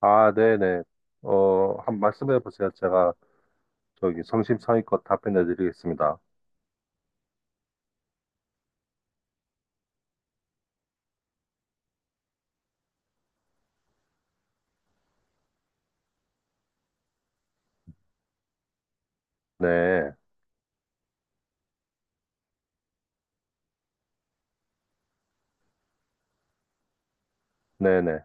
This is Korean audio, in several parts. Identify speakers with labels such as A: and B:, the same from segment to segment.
A: 아, 네네. 한 말씀해 보세요. 제가 저기 성심성의껏 답변해 드리겠습니다. 네, 네네.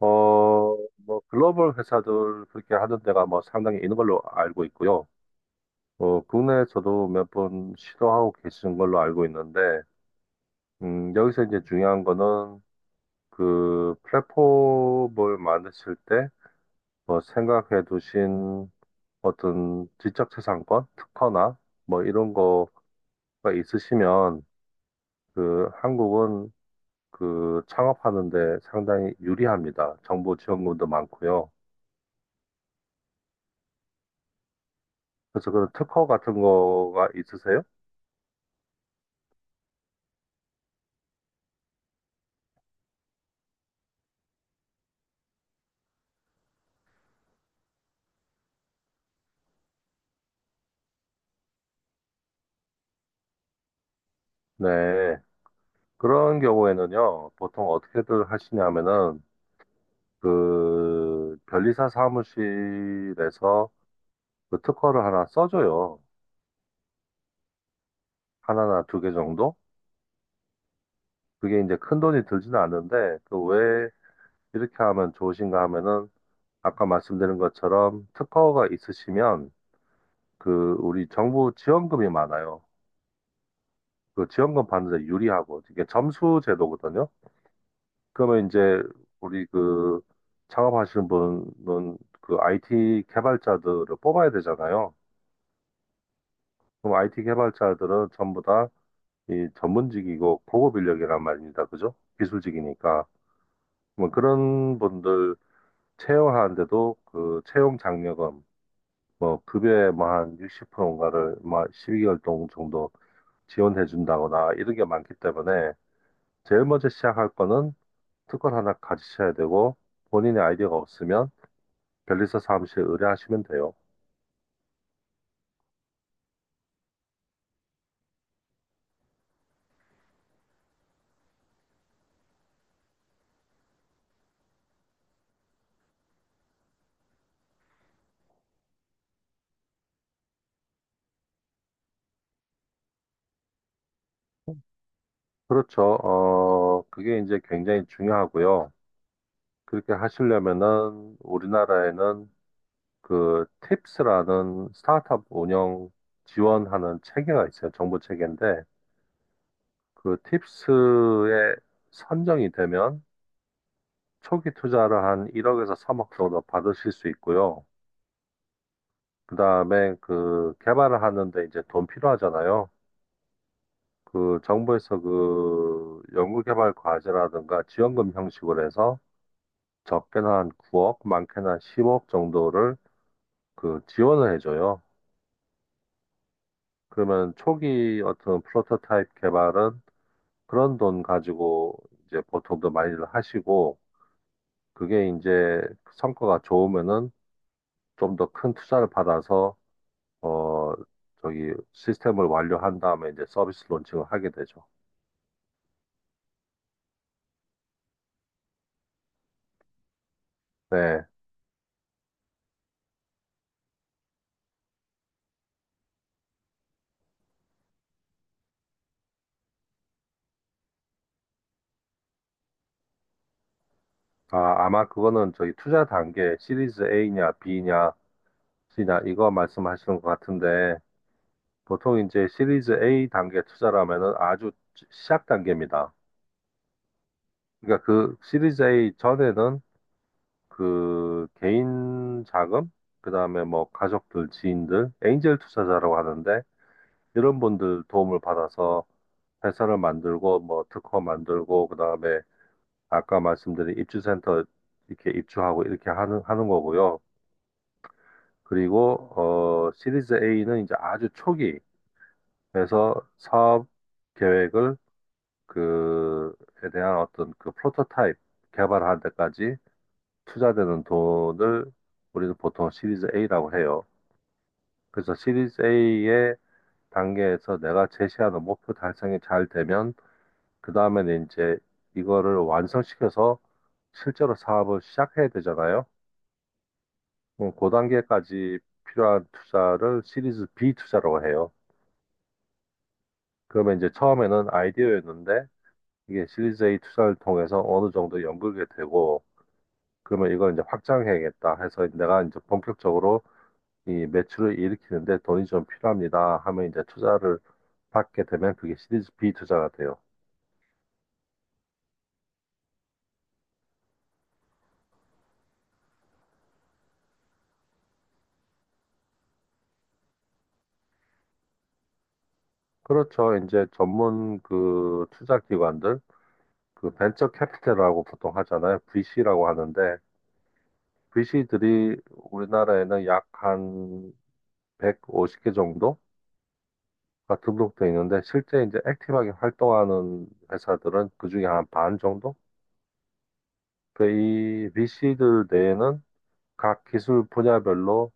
A: 어, 뭐 글로벌 회사들 그렇게 하는 데가 뭐 상당히 있는 걸로 알고 있고요. 국내에서도 몇 번 시도하고 계시는 걸로 알고 있는데, 여기서 이제 중요한 거는 그 플랫폼을 만드실 때 뭐 생각해 두신 어떤 지적 재산권, 특허나 뭐 이런 거가 있으시면 그 한국은 그 창업하는데 상당히 유리합니다. 정부 지원금도 많고요. 그래서 그런 특허 같은 거가 있으세요? 네. 그런 경우에는요, 보통 어떻게들 하시냐면은 그 변리사 사무실에서 그 특허를 하나 써줘요. 하나나 두 개 정도? 그게 이제 큰 돈이 들지는 않는데 그 왜 이렇게 하면 좋으신가 하면은 아까 말씀드린 것처럼 특허가 있으시면 그 우리 정부 지원금이 많아요. 그 지원금 받는 데 유리하고 이게 점수 제도거든요. 그러면 이제 우리 그 창업하시는 분은 그 IT 개발자들을 뽑아야 되잖아요. 그럼 IT 개발자들은 전부 다 이 전문직이고 고급 인력이란 말입니다. 그죠? 기술직이니까. 뭐 그런 분들 채용하는데도 그 채용 장려금 뭐 급여의 뭐한 60%인가를 뭐 12개월 동안 정도 지원해 준다거나 이런 게 많기 때문에 제일 먼저 시작할 거는 특권 하나 가지셔야 되고 본인의 아이디어가 없으면 변리사 사무실에 의뢰하시면 돼요. 그렇죠. 그게 이제 굉장히 중요하고요. 그렇게 하시려면은 우리나라에는 그 팁스라는 스타트업 운영 지원하는 체계가 있어요. 정부 체계인데 그 팁스에 선정이 되면 초기 투자를 한 1억에서 3억 정도 받으실 수 있고요. 그 다음에 그 개발을 하는데 이제 돈 필요하잖아요. 그 정부에서 그 연구개발 과제라든가 지원금 형식으로 해서 적게는 한 9억, 많게는 한 10억 정도를 그 지원을 해줘요. 그러면 초기 어떤 프로토타입 개발은 그런 돈 가지고 이제 보통도 많이들 하시고 그게 이제 성과가 좋으면은 좀 더 큰 투자를 받아서 어 저기 시스템을 완료한 다음에 이제 서비스 론칭을 하게 되죠. 네. 아, 아마 그거는 저기 투자 단계 시리즈 A냐 B냐 혹시나 이거 말씀하시는 것 같은데 보통 이제 시리즈 A 단계 투자라면은 아주 시작 단계입니다. 그러니까 그 시리즈 A 전에는 그 개인 자금, 그다음에 뭐 가족들, 지인들, 엔젤 투자자라고 하는데 이런 분들 도움을 받아서 회사를 만들고 뭐 특허 만들고 그다음에 아까 말씀드린 입주센터 이렇게 입주하고 이렇게 하는 거고요. 그리고 시리즈 A는 이제 아주 초기 그래서 사업 계획을 그에 대한 어떤 그 프로토타입 개발하는 데까지 투자되는 돈을 우리는 보통 시리즈 A라고 해요. 그래서 시리즈 A의 단계에서 내가 제시하는 목표 달성이 잘 되면 그 다음에는 이제 이거를 완성시켜서 실제로 사업을 시작해야 되잖아요. 그그 단계까지 필요한 투자를 시리즈 B 투자라고 해요. 그러면 이제 처음에는 아이디어였는데 이게 시리즈 A 투자를 통해서 어느 정도 연결이 되고 그러면 이걸 이제 확장해야겠다 해서 내가 이제 본격적으로 이 매출을 일으키는데 돈이 좀 필요합니다 하면 이제 투자를 받게 되면 그게 시리즈 B 투자가 돼요. 그렇죠. 이제 전문 그 투자 기관들 그 벤처 캐피탈이라고 보통 하잖아요. VC라고 하는데 VC들이 우리나라에는 약 한 150개 정도 가 등록돼 있는데 실제 이제 액티브하게 활동하는 회사들은 그중에 한 반 정도? 그이 VC들 내에는 각 기술 분야별로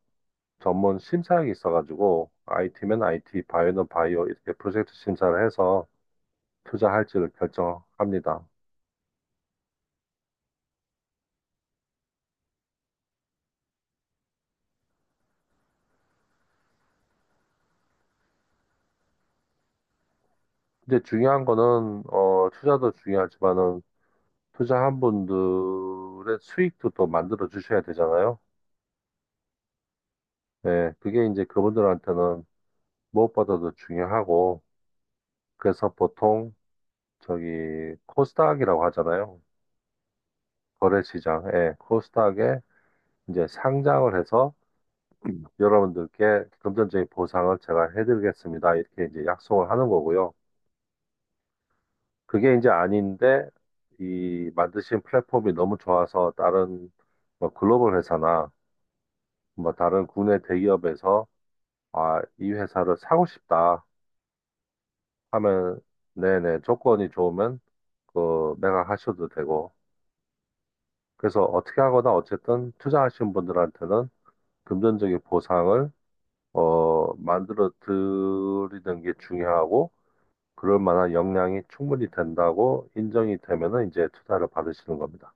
A: 전문 심사역이 있어가지고 IT면 IT, 바이오는 바이오 이렇게 프로젝트 심사를 해서 투자할지를 결정합니다. 근데 중요한 거는 투자도 중요하지만은 투자한 분들의 수익도 또 만들어 주셔야 되잖아요. 네, 그게 이제 그분들한테는 무엇보다도 중요하고 그래서 보통 저기 코스닥이라고 하잖아요. 거래시장, 예, 코스닥에 이제 상장을 해서 여러분들께 금전적인 보상을 제가 해드리겠습니다. 이렇게 이제 약속을 하는 거고요. 그게 이제 아닌데 이 만드신 플랫폼이 너무 좋아서 다른 뭐 글로벌 회사나 뭐 다른 국내 대기업에서 아, 이 회사를 사고 싶다 하면 네네 조건이 좋으면 그 매각하셔도 되고 그래서 어떻게 하거나 어쨌든 투자하신 분들한테는 금전적인 보상을 만들어 드리는 게 중요하고 그럴 만한 역량이 충분히 된다고 인정이 되면은 이제 투자를 받으시는 겁니다.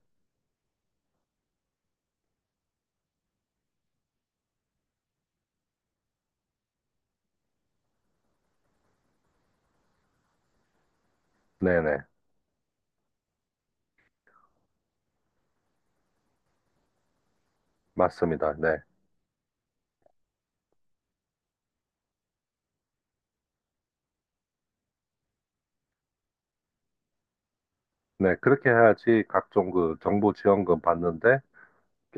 A: 네네. 맞습니다. 네. 네. 그렇게 해야지 각종 그 정부 지원금 받는데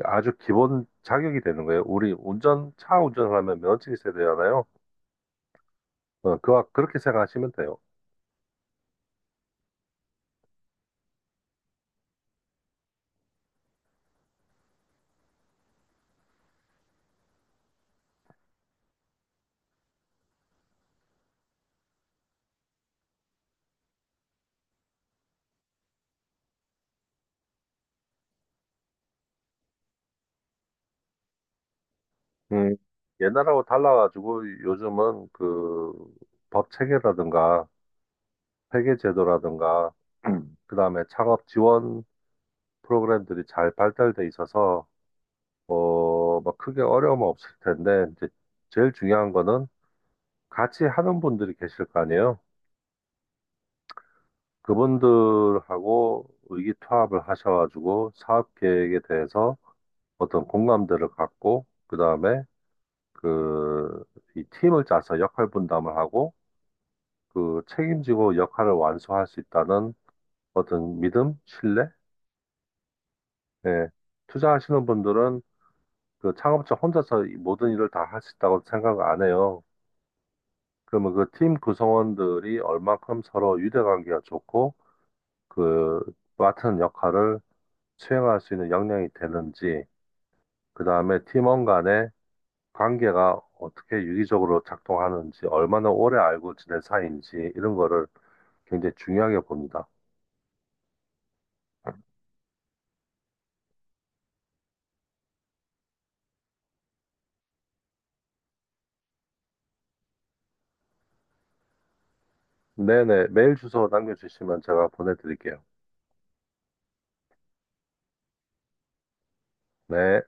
A: 아주 기본 자격이 되는 거예요. 우리 운전, 차 운전을 하면 면허증이 있어야 되잖아요. 그와 그렇게 생각하시면 돼요. 음, 옛날하고 달라가지고 요즘은 그 법 체계라든가 회계 제도라든가 그다음에 창업 지원 프로그램들이 잘 발달돼 있어서 막 크게 어려움 은 없을 텐데 이제 제일 중요한 거는 같이 하는 분들이 계실 거 아니에요. 그분들하고 의기투합을 하셔가지고 사업 계획에 대해서 어떤 공감대를 갖고 그다음에 그 이 팀을 짜서 역할 분담을 하고 그 책임지고 역할을 완수할 수 있다는 어떤 믿음, 신뢰, 예. 투자하시는 분들은 그 창업자 혼자서 이 모든 일을 다 할 수 있다고 생각 안 해요. 그러면 그 팀 구성원들이 얼만큼 서로 유대관계가 좋고 그 맡은 역할을 수행할 수 있는 역량이 되는지, 그 다음에 팀원 간의 관계가 어떻게 유기적으로 작동하는지, 얼마나 오래 알고 지낸 사이인지 이런 거를 굉장히 중요하게 봅니다. 네네, 메일 주소 남겨주시면 제가 보내드릴게요. 네.